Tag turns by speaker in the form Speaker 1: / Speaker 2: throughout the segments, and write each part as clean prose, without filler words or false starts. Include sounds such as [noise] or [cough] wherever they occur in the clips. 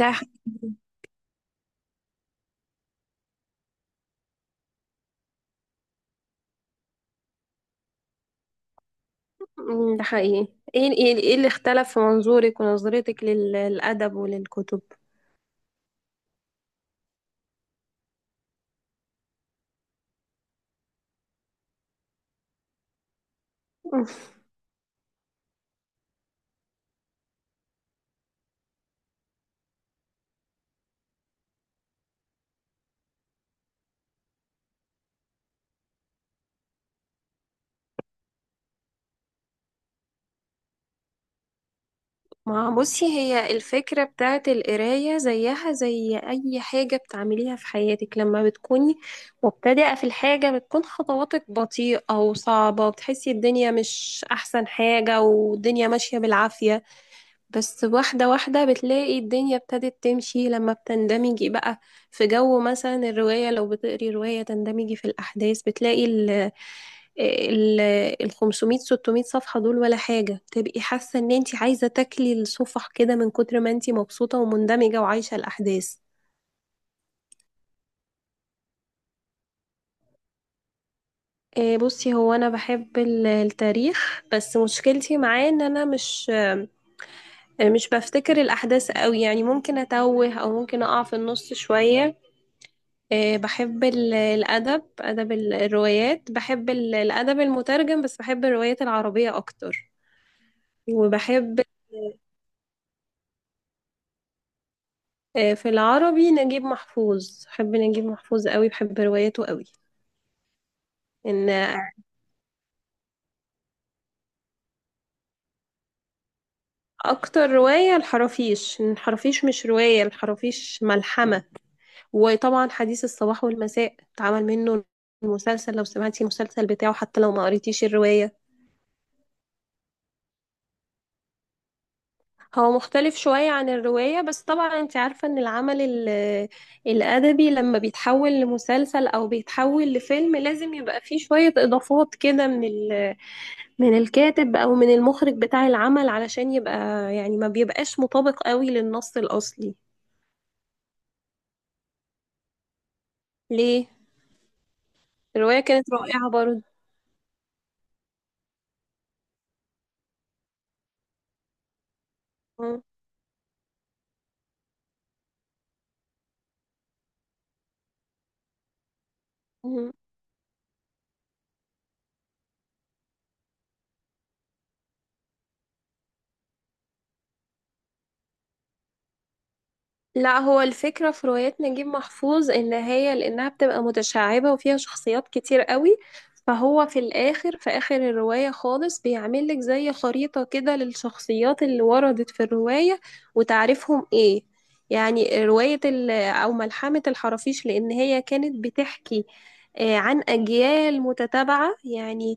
Speaker 1: ده حقيقي. مم، ده حقيقي. ايه ايه إيه اللي اختلف في منظورك ونظرتك للأدب وللكتب؟ مم. ما بصي، هي الفكرة بتاعت القراية زيها زي أي حاجة بتعمليها في حياتك. لما بتكوني مبتدئة في الحاجة بتكون خطواتك بطيئة وصعبة، وبتحسي الدنيا مش أحسن حاجة والدنيا ماشية بالعافية، بس واحدة واحدة بتلاقي الدنيا ابتدت تمشي لما بتندمجي بقى في جو. مثلا الرواية، لو بتقري رواية تندمجي في الأحداث، بتلاقي ال ال 500 600 صفحة دول ولا حاجة، تبقي حاسة ان انت عايزة تاكلي الصفح كده من كتر ما انت مبسوطة ومندمجة وعايشة الأحداث. بصي، هو انا بحب التاريخ، بس مشكلتي معاه ان انا مش بفتكر الاحداث قوي، يعني ممكن اتوه او ممكن اقع في النص شوية. بحب الأدب، أدب الروايات، بحب الأدب المترجم، بس بحب الروايات العربية أكتر. وبحب في العربي نجيب محفوظ، بحب نجيب محفوظ قوي، بحب رواياته قوي. إن أكتر رواية الحرافيش، إن الحرافيش مش رواية، الحرافيش ملحمة. وطبعا حديث الصباح والمساء اتعمل منه المسلسل، لو سمعتي المسلسل بتاعه حتى لو ما قريتيش الرواية. هو مختلف شوية عن الرواية، بس طبعا انت عارفة ان العمل الأدبي لما بيتحول لمسلسل أو بيتحول لفيلم لازم يبقى فيه شوية إضافات كده من من الكاتب أو من المخرج بتاع العمل، علشان يبقى، يعني ما بيبقاش مطابق قوي للنص الأصلي. ليه؟ الرواية كانت رائعة برضه. لا، هو الفكرة في روايات نجيب محفوظ، ان هي لانها بتبقى متشعبة وفيها شخصيات كتير قوي، فهو في الاخر، في اخر الرواية خالص، بيعمل لك زي خريطة كده للشخصيات اللي وردت في الرواية وتعرفهم ايه. يعني رواية او ملحمة الحرافيش، لان هي كانت بتحكي عن اجيال متتابعة يعني،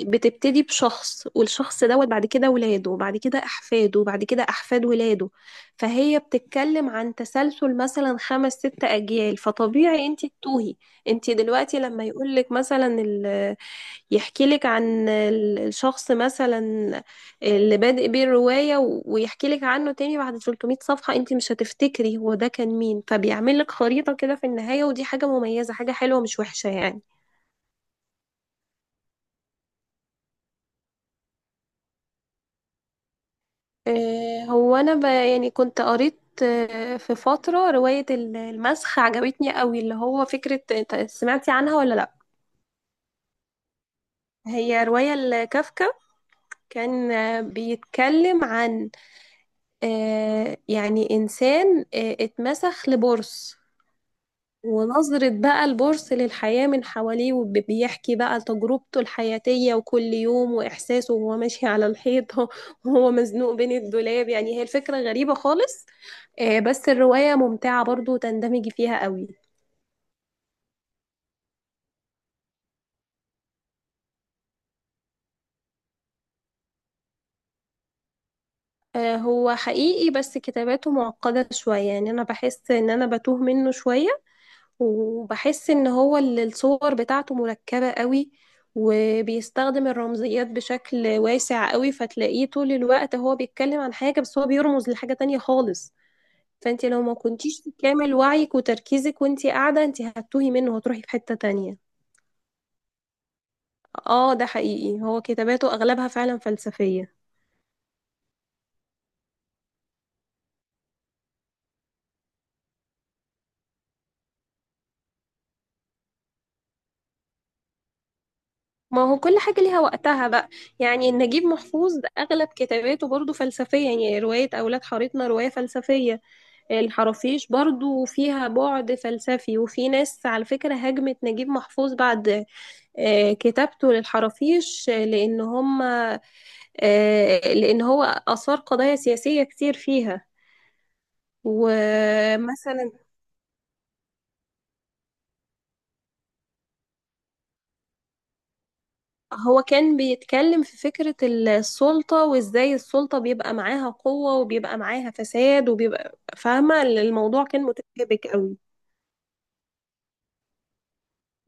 Speaker 1: بتبتدي بشخص والشخص دوت بعد كده ولاده وبعد كده احفاده وبعد كده احفاد ولاده، فهي بتتكلم عن تسلسل مثلا خمس ست اجيال، فطبيعي انت تتوهي. انت دلوقتي لما يقولك مثلا يحكي لك عن الشخص مثلا اللي بادئ بيه الرواية ويحكي لك عنه تاني بعد 300 صفحة، انت مش هتفتكري هو ده كان مين، فبيعمل لك خريطة كده في النهاية. ودي حاجة مميزة، حاجة حلوة مش وحشة يعني. هو انا يعني كنت قريت في فترة رواية المسخ، عجبتني قوي، اللي هو فكرة، انت سمعتي عنها ولا لا؟ هي رواية لكافكا. كان بيتكلم عن يعني انسان اتمسخ لبورص، ونظرة بقى البورس للحياة من حواليه، وبيحكي بقى تجربته الحياتية وكل يوم وإحساسه، وهو ماشي على الحيط [laughs] وهو مزنوق بين الدولاب، يعني هي الفكرة غريبة خالص. بس الرواية ممتعة برضو وتندمج فيها قوي. هو حقيقي، بس كتاباته معقدة شوية، يعني أنا بحس إن أنا بتوه منه شوية، وبحس ان هو الصور بتاعته مركبة قوي، وبيستخدم الرمزيات بشكل واسع قوي، فتلاقيه طول الوقت هو بيتكلم عن حاجة بس هو بيرمز لحاجة تانية خالص. فانت لو ما كنتيش في كامل وعيك وتركيزك وانت قاعدة، انت هتتوهي منه وهتروحي في حتة تانية. اه ده حقيقي، هو كتاباته اغلبها فعلا فلسفية. ما هو كل حاجة ليها وقتها بقى. يعني نجيب محفوظ اغلب كتاباته برضو فلسفية، يعني رواية اولاد حارتنا رواية فلسفية، الحرافيش برضو فيها بعد فلسفي. وفي ناس على فكرة هاجمت نجيب محفوظ بعد كتابته للحرافيش، آه، لأن هم آه، لأن هو أثار قضايا سياسية كتير فيها. ومثلا هو كان بيتكلم في فكرة السلطة، وإزاي السلطة بيبقى معاها قوة وبيبقى معاها فساد، وبيبقى، فاهمة، الموضوع كان متشابك قوي.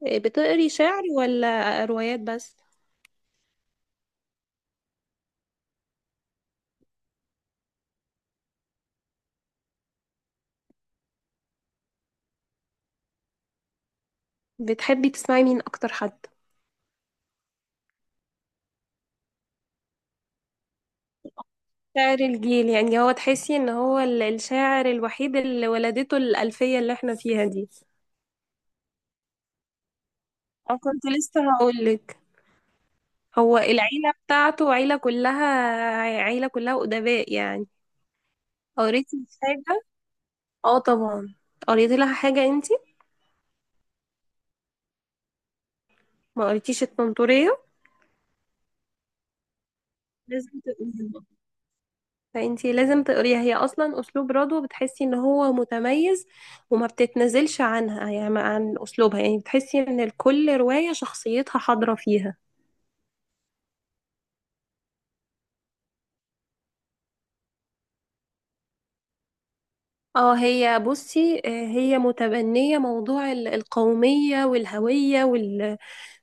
Speaker 1: بتقري شعر ولا روايات بس؟ بتحبي تسمعي مين أكتر حد؟ شاعر الجيل، يعني هو تحسي ان هو الشاعر الوحيد اللي ولدته الألفية اللي احنا فيها دي. انا كنت لسه هقولك، هو العيلة بتاعته عيلة كلها أدباء يعني. قريتي حاجة؟ اه طبعا. قريتي لها حاجة انتي؟ ما قريتيش التنطورية؟ لازم تقريها، هي اصلا اسلوب رضوى بتحسي ان هو متميز، وما بتتنزلش عنها يعني عن اسلوبها، يعني بتحسي ان كل رواية شخصيتها حاضرة فيها. اه هي بصي، هي متبنية موضوع القومية والهوية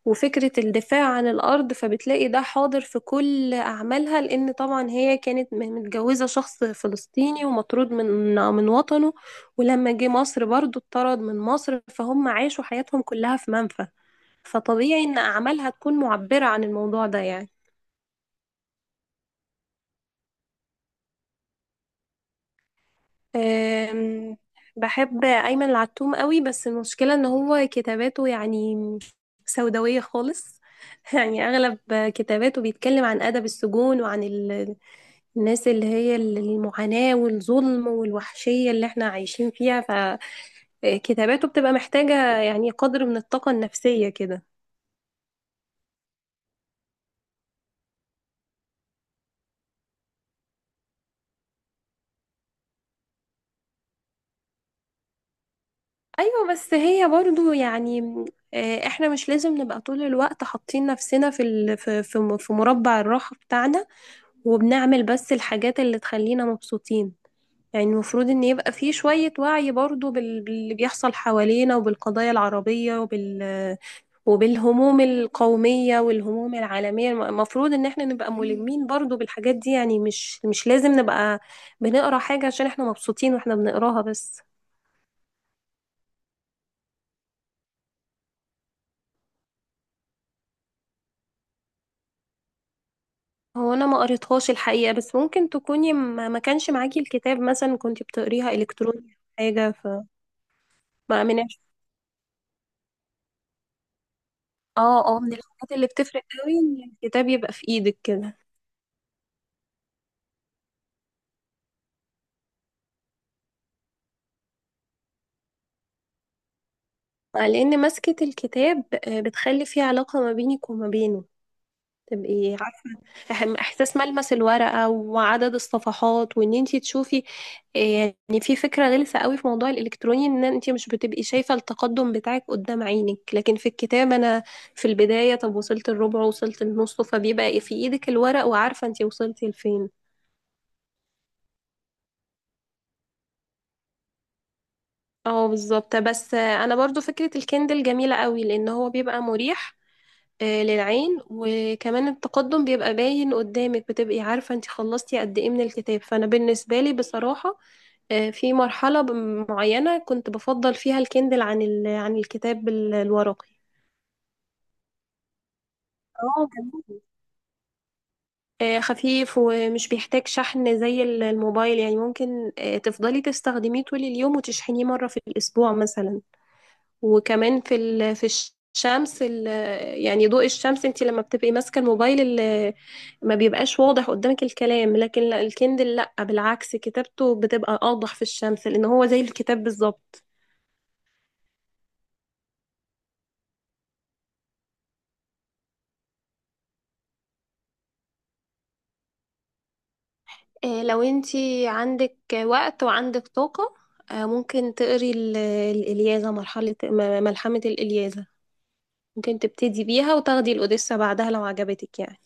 Speaker 1: وفكرة الدفاع عن الأرض، فبتلاقي ده حاضر في كل أعمالها، لأن طبعا هي كانت متجوزة شخص فلسطيني ومطرود من وطنه. ولما جه مصر برضو اتطرد من مصر، فهم عاشوا حياتهم كلها في منفى، فطبيعي إن أعمالها تكون معبرة عن الموضوع ده يعني. أم، بحب أيمن العتوم قوي، بس المشكلة ان هو كتاباته يعني سوداوية خالص. [laughs] يعني أغلب كتاباته بيتكلم عن أدب السجون، وعن الناس اللي هي المعاناة والظلم والوحشية اللي احنا عايشين فيها، فكتاباته بتبقى محتاجة يعني قدر من الطاقة النفسية كده. أيوة، بس هي برضو يعني احنا مش لازم نبقى طول الوقت حاطين نفسنا في في مربع الراحة بتاعنا، وبنعمل بس الحاجات اللي تخلينا مبسوطين. يعني المفروض ان يبقى في شوية وعي برضو باللي بيحصل حوالينا، وبالقضايا العربية وبالهموم القومية والهموم العالمية، المفروض ان احنا نبقى ملمين برضو بالحاجات دي يعني. مش لازم نبقى بنقرا حاجة عشان احنا مبسوطين واحنا بنقراها بس. هو انا ما قريتهاش الحقيقة، بس ممكن تكوني ما كانش معاكي الكتاب، مثلا كنت بتقريها الكتروني أو حاجة، ف ما من اه من الحاجات اللي بتفرق قوي ان الكتاب يبقى في ايدك كده، لان مسكة الكتاب بتخلي في علاقة ما بينك وما بينه، تبقي عارفة، احساس ملمس الورقة وعدد الصفحات، وان انتي تشوفي. آه، يعني في فكرة غلسة قوي في موضوع الالكتروني، ان انتي مش بتبقي شايفة التقدم بتاعك قدام عينك، لكن في الكتاب انا في البداية، طب وصلت الربع، وصلت النص، فبيبقى في ايدك الورق وعارفة انتي وصلتي لفين. اه بالظبط، بس انا برضو فكرة الكندل جميلة قوي لان هو بيبقى مريح للعين، وكمان التقدم بيبقى باين قدامك بتبقي عارفة انت خلصتي قد ايه من الكتاب. فانا بالنسبة لي بصراحة في مرحلة معينة كنت بفضل فيها الكندل عن عن الكتاب الورقي. اه جميل، خفيف ومش بيحتاج شحن زي الموبايل، يعني ممكن تفضلي تستخدميه طول اليوم وتشحنيه مرة في الأسبوع مثلا. وكمان في الشمس يعني ضوء الشمس، انت لما بتبقي ماسكه الموبايل ما بيبقاش واضح قدامك الكلام، لكن لا الكندل لا بالعكس، كتابته بتبقى اوضح في الشمس لان هو زي الكتاب بالظبط. لو انت عندك وقت وعندك طاقه، ممكن تقري الإلياذة، ملحمه الإلياذة، ممكن تبتدي بيها وتاخدي الأوديسة بعدها لو عجبتك يعني.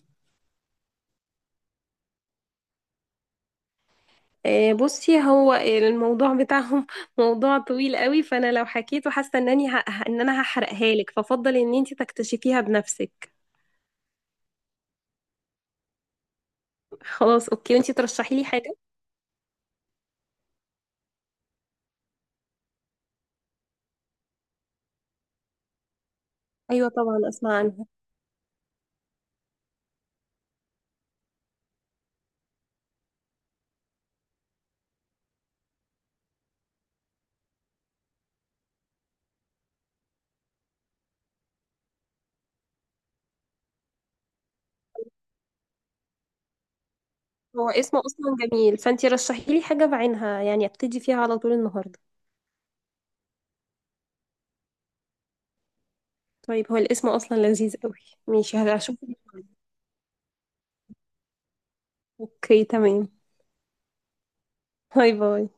Speaker 1: بصي، هو الموضوع بتاعهم [laughs] موضوع طويل قوي، فانا لو حكيته حاسه انني ان انا هحرقها لك، ففضل ان انت تكتشفيها بنفسك. خلاص اوكي، وانت ترشحي لي حاجه. ايوه طبعا اسمع عنها. هو اسمه اصلا جميل، فانت رشحي لي حاجه بعينها يعني، ابتدي فيها على طول النهارده. طيب، هو الاسم اصلا لذيذ قوي. ماشي هشوف. اوكي تمام. باي باي.